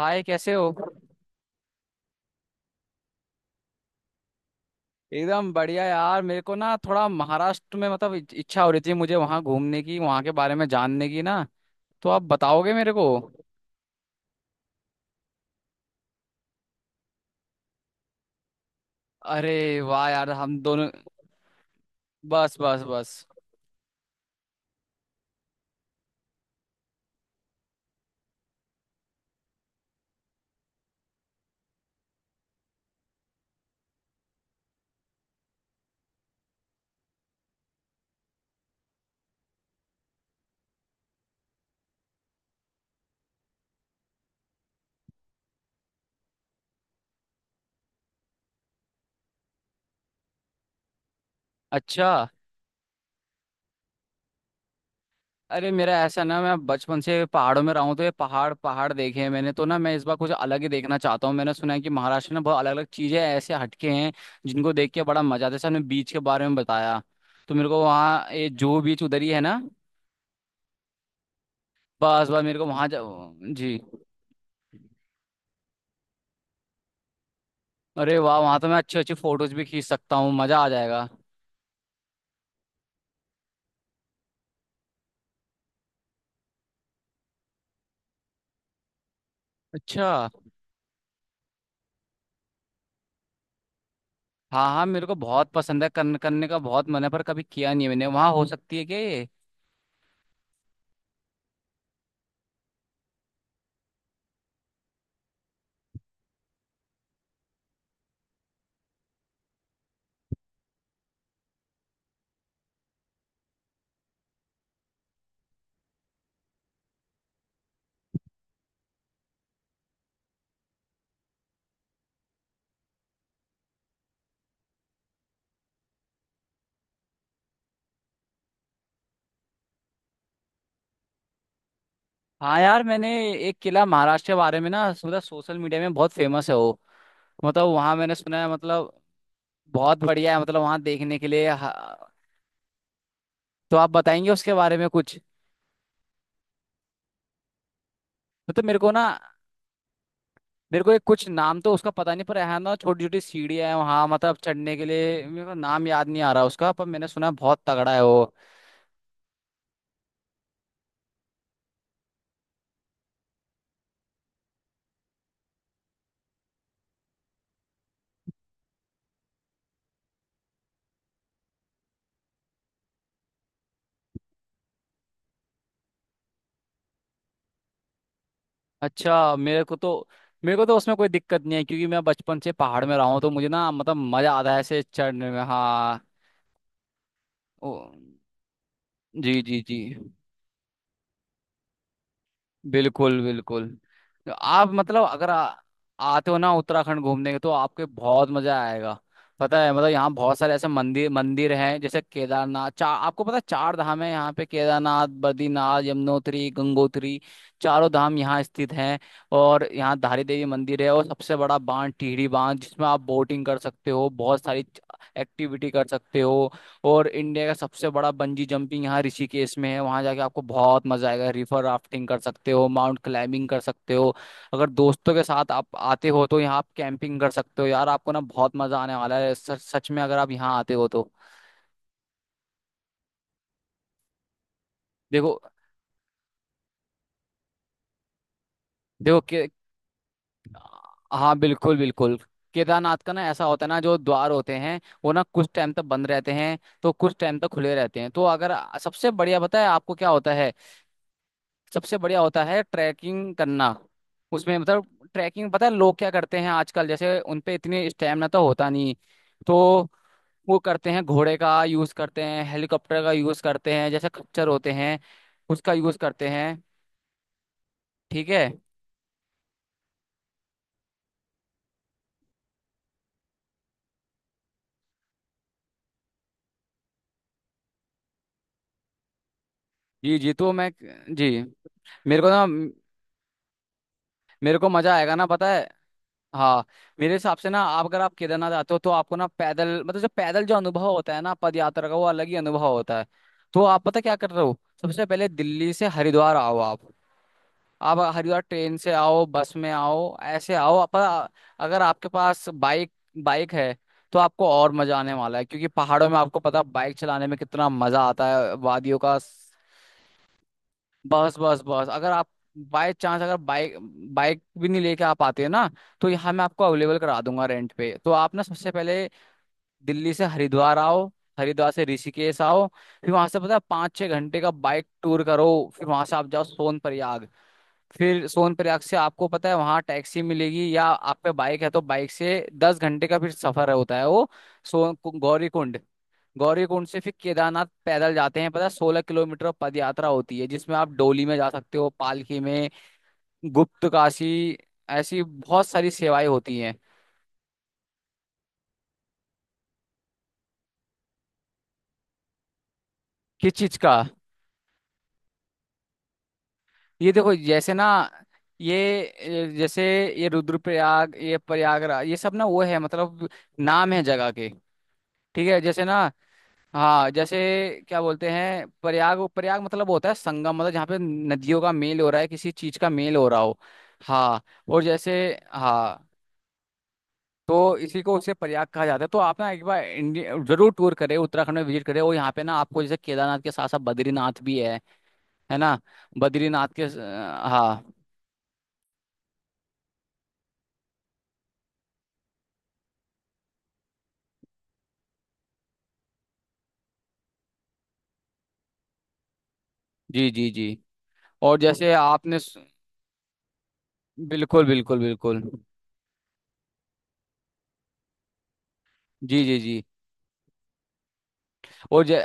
हाय कैसे हो। एकदम बढ़िया यार, मेरे को ना थोड़ा महाराष्ट्र में इच्छा हो रही थी, मुझे वहाँ घूमने की, वहाँ के बारे में जानने की ना। तो आप बताओगे मेरे को। अरे वाह यार, हम दोनों। बस बस बस। अच्छा। अरे मेरा ऐसा ना, मैं बचपन से पहाड़ों में रहा हूँ तो ये पहाड़ पहाड़ देखे हैं मैंने, तो ना मैं इस बार कुछ अलग ही देखना चाहता हूँ। मैंने सुना है कि महाराष्ट्र में बहुत अलग अलग चीजें ऐसे हटके हैं जिनको देख के बड़ा मजा आता है। जैसे आपने बीच के बारे में बताया, तो मेरे को वहाँ, ये जो बीच उधर ही है ना। बस बस मेरे को वहाँ जा। जी। अरे वाह, वहां तो मैं अच्छे अच्छे फोटोज भी खींच सकता हूँ, मजा आ जाएगा। अच्छा। हाँ हाँ, मेरे को बहुत पसंद है, करने करने का बहुत मन है पर कभी किया नहीं है मैंने। वहाँ हो सकती है क्या ये? हाँ यार, मैंने एक किला महाराष्ट्र के बारे में ना, मतलब सोशल मीडिया में बहुत फेमस है वो। मतलब वहाँ मैंने सुना है, मतलब बहुत बढ़िया है मतलब, वहाँ देखने के लिए। हाँ, तो आप बताएंगे उसके बारे में कुछ? मतलब मेरे को ना, मेरे को एक, कुछ नाम तो उसका पता नहीं, पर यहाँ ना छोटी छोटी सीढ़ियाँ हैं वहाँ, मतलब चढ़ने के लिए। मेरे को नाम याद नहीं आ रहा उसका, पर मैंने सुना है बहुत तगड़ा है वो। अच्छा, मेरे को तो, मेरे को तो उसमें कोई दिक्कत नहीं है, क्योंकि मैं बचपन से पहाड़ में रहा हूँ तो मुझे ना मतलब मजा आता है ऐसे चढ़ने में। हाँ। ओ, जी जी जी। बिल्कुल बिल्कुल। तो आप मतलब अगर आ, आते हो ना उत्तराखंड घूमने के, तो आपके बहुत मजा आएगा। पता है, मतलब यहाँ बहुत सारे ऐसे मंदिर मंदिर हैं। जैसे केदारनाथ, चार, आपको पता है चार धाम है यहाँ पे, केदारनाथ, बद्रीनाथ, यमुनोत्री, गंगोत्री। चारों धाम यहाँ स्थित हैं। और यहाँ धारी देवी मंदिर है, और सबसे बड़ा बांध टिहरी बांध, जिसमें आप बोटिंग कर सकते हो, बहुत सारी एक्टिविटी कर सकते हो। और इंडिया का सबसे बड़ा बंजी जंपिंग यहाँ ऋषिकेश में है, वहां जाके आपको बहुत मजा आएगा। रिवर राफ्टिंग कर सकते हो, माउंट क्लाइंबिंग कर सकते हो। अगर दोस्तों के साथ आप आते हो, तो यहाँ आप कैंपिंग कर सकते हो। यार आपको ना बहुत मजा आने वाला है सच सच में, अगर आप यहाँ आते हो तो। देखो देखो के हाँ बिल्कुल बिल्कुल। केदारनाथ का ना ऐसा होता है ना, जो द्वार होते हैं वो ना कुछ टाइम तक बंद रहते हैं, तो कुछ टाइम तक खुले रहते हैं, तो अगर, सबसे बढ़िया पता है आपको क्या होता है? सबसे बढ़िया होता है ट्रैकिंग करना। उसमें मतलब ट्रैकिंग, पता है लोग क्या करते हैं आजकल, जैसे उन पे इतनी स्टैमिना तो होता नहीं, तो वो करते हैं घोड़े का यूज करते हैं, हेलीकॉप्टर का यूज करते हैं, जैसे खच्चर होते हैं उसका यूज करते हैं। ठीक है, जी जी, तो मैं, जी, मेरे को ना, मेरे को मजा आएगा ना पता है। हाँ, मेरे हिसाब से ना, आप अगर आप केदारनाथ आते हो, तो आपको ना पैदल मतलब, जो पैदल जो अनुभव होता है ना पद यात्रा का, वो अलग ही अनुभव होता है। तो आप पता क्या कर रहे हो, सबसे पहले दिल्ली से हरिद्वार आओ आप। आप हरिद्वार ट्रेन से आओ, बस में आओ, ऐसे आओ, पर अगर आपके पास बाइक बाइक है, तो आपको और मजा आने वाला है, क्योंकि पहाड़ों में आपको पता बाइक चलाने में कितना मजा आता है वादियों का। बस बस बस, अगर आप बाय चांस अगर बाइक बाइक भी नहीं लेके आप आते हैं ना, तो यहाँ मैं आपको अवेलेबल करा दूंगा रेंट पे। तो आप ना, सबसे पहले दिल्ली से हरिद्वार आओ, हरिद्वार से ऋषिकेश आओ, फिर वहां से पता है 5-6 घंटे का बाइक टूर करो। फिर वहां से आप जाओ सोन प्रयाग। फिर सोन प्रयाग से आपको पता है वहां टैक्सी मिलेगी, या आप पे बाइक है तो बाइक से 10 घंटे का फिर सफर होता है वो। सोन गौरीकुंड, गौरी कुंड से फिर केदारनाथ पैदल जाते हैं, पता है 16 किलोमीटर पद यात्रा होती है, जिसमें आप डोली में जा सकते हो, पालकी में। गुप्त काशी, ऐसी बहुत सारी सेवाएं होती हैं। किस चीज का? ये देखो जैसे ना, ये, जैसे, ये रुद्रप्रयाग, ये प्रयागराज, ये सब ना वो है मतलब नाम है जगह के। ठीक है जैसे ना। हाँ जैसे, क्या बोलते हैं प्रयाग, प्रयाग मतलब होता है संगम, मतलब जहाँ पे नदियों का मेल हो रहा है, किसी चीज का मेल हो रहा हो। हाँ, और जैसे, हाँ, तो इसी को उसे प्रयाग कहा जाता है। तो आप ना एक बार इंडिया जरूर टूर करें, उत्तराखंड में विजिट करें। और यहाँ पे ना आपको जैसे केदारनाथ के साथ साथ बद्रीनाथ भी है ना? बद्रीनाथ के स- हाँ जी जी जी। और जैसे आपने स- बिल्कुल बिल्कुल बिल्कुल। जी जी जी। और जै,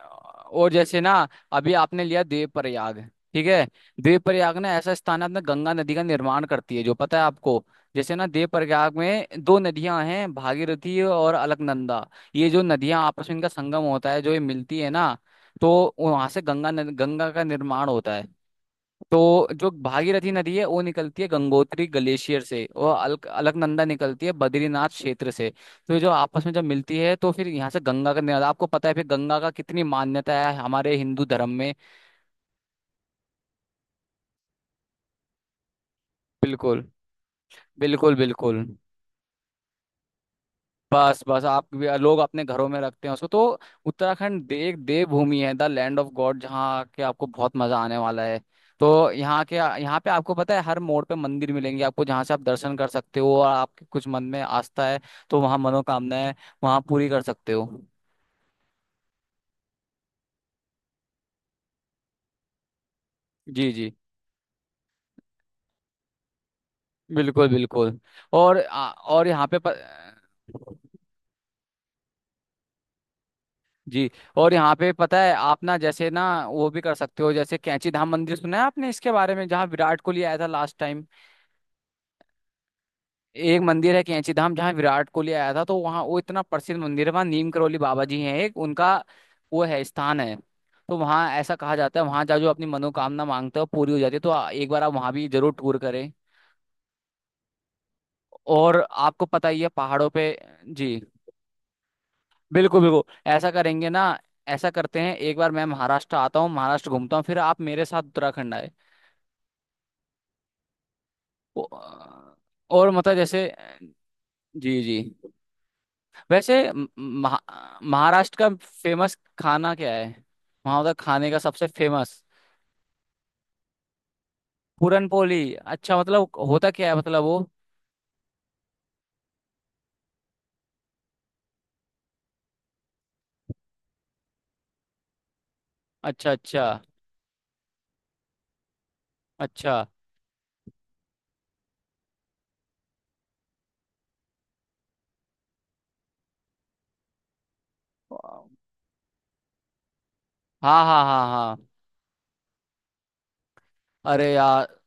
और जैसे ना, अभी आपने लिया देव प्रयाग। ठीक है, देव प्रयाग ना ऐसा स्थान है, अपना गंगा नदी का निर्माण करती है, जो पता है आपको। जैसे ना देव प्रयाग में दो नदियां हैं, भागीरथी और अलकनंदा। ये जो नदियां आपस में इनका संगम होता है, जो ये मिलती है ना, तो वहां से गंगा का निर्माण होता है। तो जो भागीरथी नदी है वो निकलती है गंगोत्री ग्लेशियर से, और अलकनंदा निकलती है बद्रीनाथ क्षेत्र से। तो ये जो आपस में जब मिलती है, तो फिर यहाँ से गंगा का निकल, आपको पता है फिर गंगा का कितनी मान्यता है हमारे हिंदू धर्म में। बिल्कुल बिल्कुल बिल्कुल। बस बस, आप भी लोग अपने घरों में रखते हैं उसको तो। एक देवभूमि है, द लैंड ऑफ गॉड, जहाँ के आपको बहुत मजा आने वाला है। तो यहाँ के, यहाँ पे आपको पता है हर मोड़ पे मंदिर मिलेंगे आपको, जहाँ से आप दर्शन कर सकते हो, और आपके कुछ मन में आस्था है तो वहाँ मनोकामनाएं वहाँ पूरी कर सकते हो। जी जी। बिल्कुल बिल्कुल। और आ, और यहाँ पे प, जी, और यहाँ पे पता है आप ना जैसे ना, वो भी कर सकते हो, जैसे कैंची धाम मंदिर सुना है आपने इसके बारे में, जहाँ विराट कोहली आया था लास्ट टाइम। एक मंदिर है कैंची धाम, जहाँ विराट कोहली आया था। तो वहाँ वो इतना प्रसिद्ध मंदिर है, वहाँ नीम करोली बाबा जी हैं, एक उनका वो है, स्थान है। तो वहाँ ऐसा कहा जाता है, वहाँ जा जो अपनी मनोकामना मांगते हो पूरी हो जाती है। तो एक बार आप वहाँ भी जरूर टूर करें। और आपको पता ही है पहाड़ों पे। जी बिल्कुल बिल्कुल। ऐसा करेंगे ना, ऐसा करते हैं, एक बार मैं महाराष्ट्र आता हूँ, महाराष्ट्र घूमता हूँ, फिर आप मेरे साथ उत्तराखंड आए। वो- और मतलब जैसे, जी जी। वैसे महाराष्ट्र का फेमस खाना क्या है, वहाँ का खाने का सबसे फेमस? पूरनपोली, अच्छा मतलब होता क्या है, मतलब वो? अच्छा अच्छा अच्छा। हाँ हाँ हाँ हाँ। अरे यार,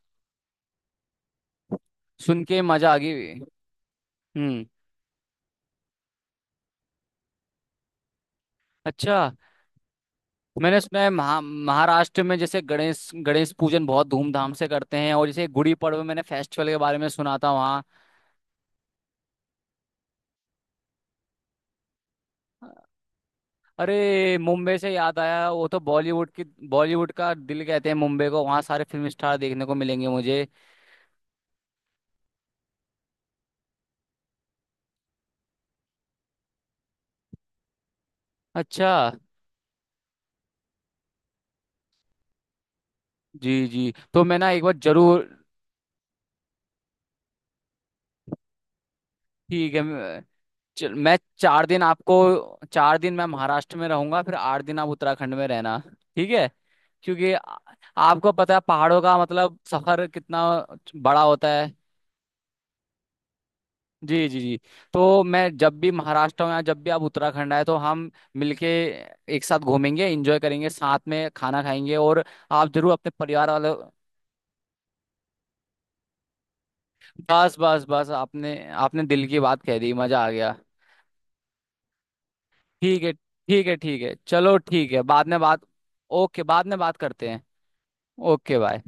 सुन के मजा आ गई। हम्म। अच्छा। मैंने सुना है महाराष्ट्र में जैसे गणेश गणेश पूजन बहुत धूमधाम से करते हैं, और जैसे गुड़ी पड़वा, मैंने फेस्टिवल के बारे में सुना था वहाँ। अरे मुंबई से याद आया, वो तो बॉलीवुड की, बॉलीवुड का दिल कहते हैं मुंबई को, वहाँ सारे फिल्म स्टार देखने को मिलेंगे मुझे। अच्छा। जी जी, तो मैं ना एक बार जरूर। ठीक है, मैं 4 दिन आपको, 4 दिन मैं महाराष्ट्र में रहूंगा, फिर 8 दिन आप उत्तराखंड में रहना। ठीक है? क्योंकि आपको पता है पहाड़ों का मतलब सफर कितना बड़ा होता है। जी जी जी। तो मैं जब भी महाराष्ट्र हूँ या जब भी आप उत्तराखंड आए, तो हम मिलके एक साथ घूमेंगे, एंजॉय करेंगे, साथ में खाना खाएंगे, और आप जरूर अपने परिवार वालों, बस बस बस, आपने आपने दिल की बात कह दी, मजा आ गया। ठीक है ठीक है ठीक है, चलो ठीक है, बाद में बात, ओके बाद में बात करते हैं। Okay bye.